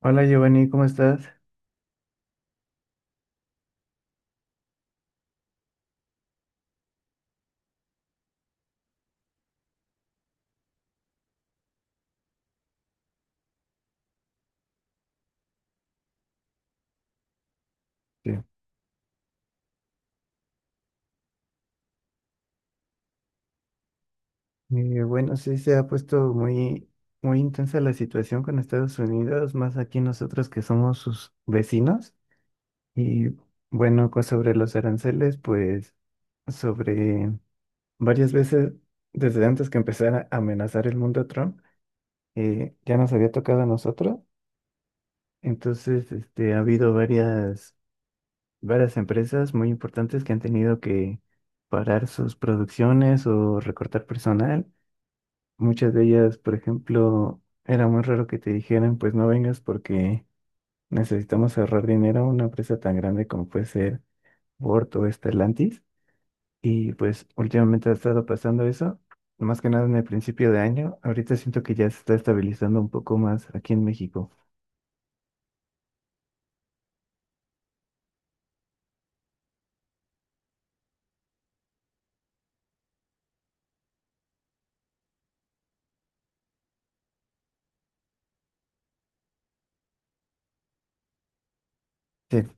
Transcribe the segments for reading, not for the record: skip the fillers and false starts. Hola Giovanni, ¿cómo estás? Sí. Bueno, sí se ha puesto muy intensa la situación con Estados Unidos, más aquí nosotros que somos sus vecinos. Y bueno, pues sobre los aranceles, pues sobre varias veces desde antes que empezara a amenazar el mundo a Trump, ya nos había tocado a nosotros. Entonces, este, ha habido varias empresas muy importantes que han tenido que parar sus producciones o recortar personal. Muchas de ellas, por ejemplo, era muy raro que te dijeran, pues no vengas porque necesitamos ahorrar dinero a una empresa tan grande como puede ser Bort o Stellantis. Y pues últimamente ha estado pasando eso, más que nada en el principio de año. Ahorita siento que ya se está estabilizando un poco más aquí en México. Sí,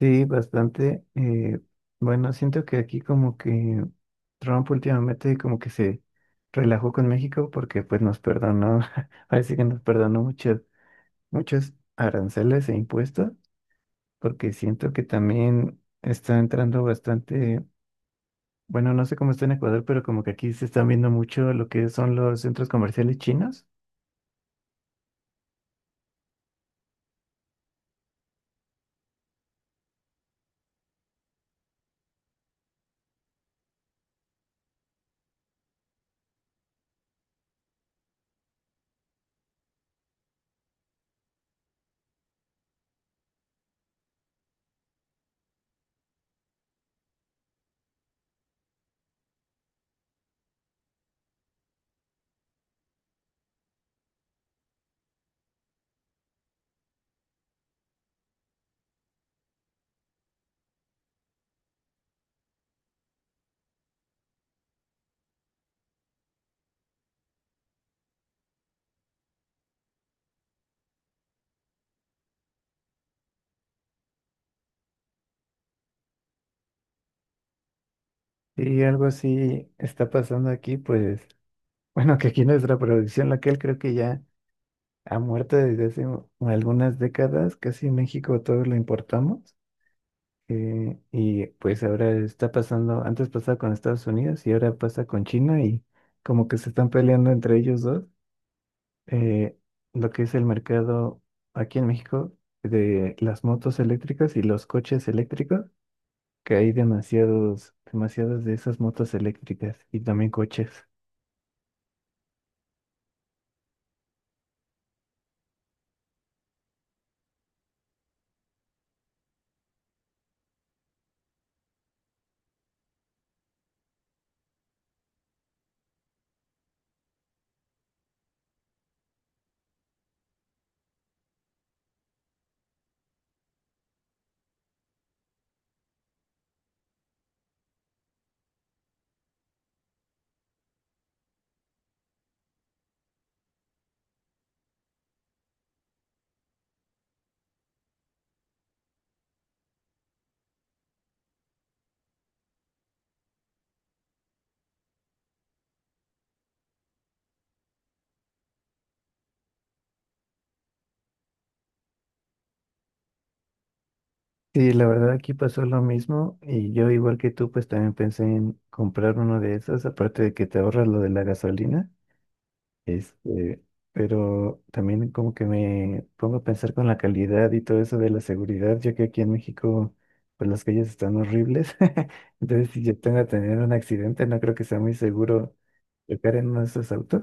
sí, bastante. Bueno, siento que aquí como que Trump últimamente como que se relajó con México porque pues nos perdonó, parece que nos perdonó muchas muchos aranceles e impuestos, porque siento que también está entrando bastante, bueno, no sé cómo está en Ecuador, pero como que aquí se están viendo mucho lo que son los centros comerciales chinos. Y algo así está pasando aquí, pues, bueno, que aquí nuestra producción local creo que ya ha muerto desde hace algunas décadas, casi en México todo lo importamos. Y pues ahora está pasando, antes pasaba con Estados Unidos y ahora pasa con China y como que se están peleando entre ellos dos. eh, lo que es el mercado aquí en México de las motos eléctricas y los coches eléctricos, que hay demasiadas de esas motos eléctricas y también coches. Sí, la verdad aquí pasó lo mismo y yo igual que tú pues también pensé en comprar uno de esos, aparte de que te ahorras lo de la gasolina. Este, pero también como que me pongo a pensar con la calidad y todo eso de la seguridad, ya que aquí en México, pues las calles están horribles. Entonces, si yo tengo a tener un accidente, no creo que sea muy seguro chocar en uno de esos autos.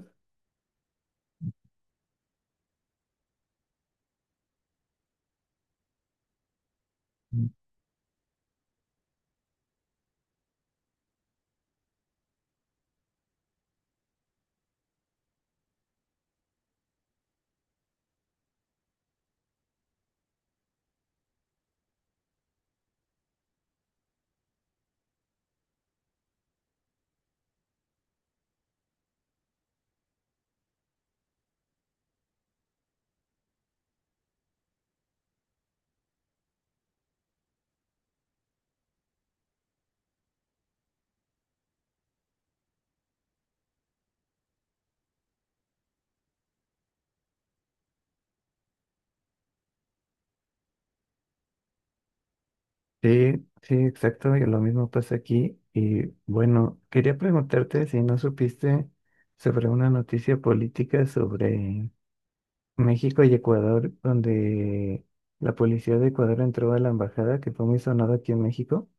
Mm. Sí, sí, exacto. Y lo mismo pasa aquí. Y bueno, quería preguntarte si no supiste sobre una noticia política sobre México y Ecuador, donde la policía de Ecuador entró a la embajada, que fue muy sonada aquí en México.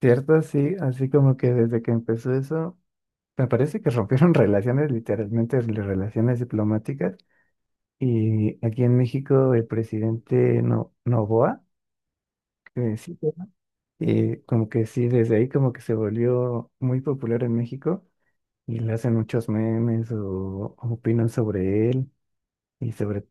¿Cierto? Sí, así como que desde que empezó eso, me parece que rompieron relaciones, literalmente las relaciones diplomáticas. Y aquí en México el presidente No Noboa, que sí, y como que sí, desde ahí como que se volvió muy popular en México y le hacen muchos memes o opinan sobre él y sobre...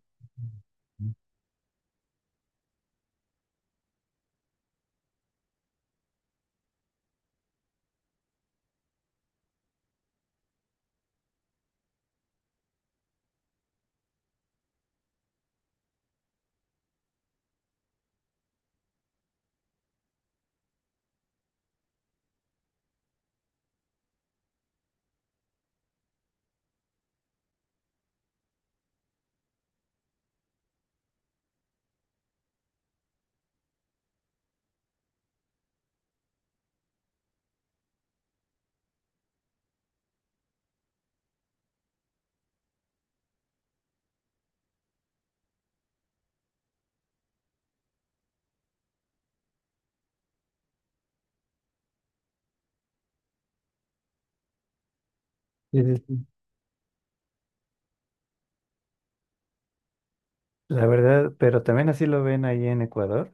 Sí, sí, sí. La verdad, pero también así lo ven ahí en Ecuador.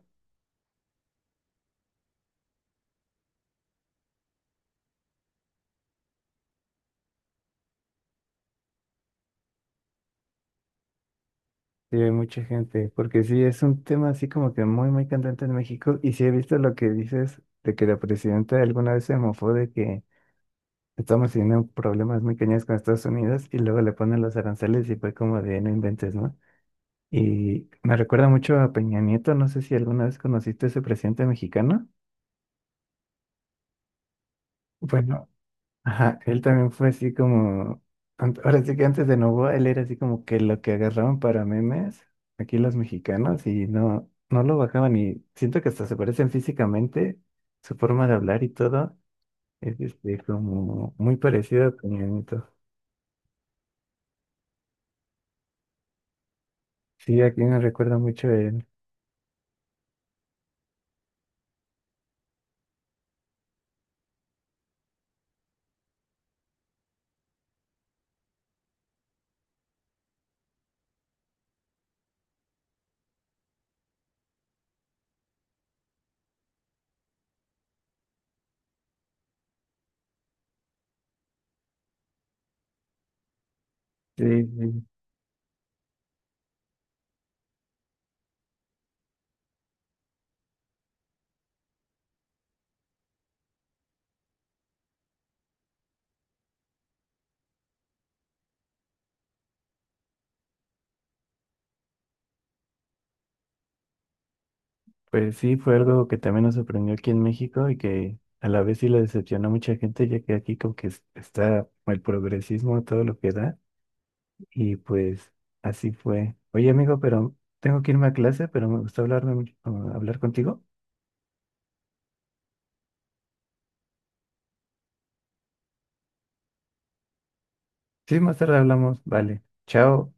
Sí, hay mucha gente, porque sí, es un tema así como que muy candente en México. Y sí he visto lo que dices de que la presidenta alguna vez se mofó de que estamos teniendo problemas muy cañones con Estados Unidos y luego le ponen los aranceles y fue como de no inventes, ¿no? Y me recuerda mucho a Peña Nieto, no sé si alguna vez conociste a ese presidente mexicano. Bueno, ajá, él también fue así como, ahora sí que antes de Novoa, él era así como que lo que agarraban para memes, aquí los mexicanos, y no, no lo bajaban y siento que hasta se parecen físicamente, su forma de hablar y todo, es este, como muy parecido a Peña Nieto. Sí, aquí me recuerda mucho él. Sí, sí. Pues sí, fue algo que también nos sorprendió aquí en México y que a la vez sí lo decepcionó a mucha gente, ya que aquí como que está el progresismo, todo lo que da. Y pues así fue. Oye, amigo, pero tengo que irme a clase, pero me gustó hablarme, hablar contigo. Sí, más tarde hablamos. Vale. Chao.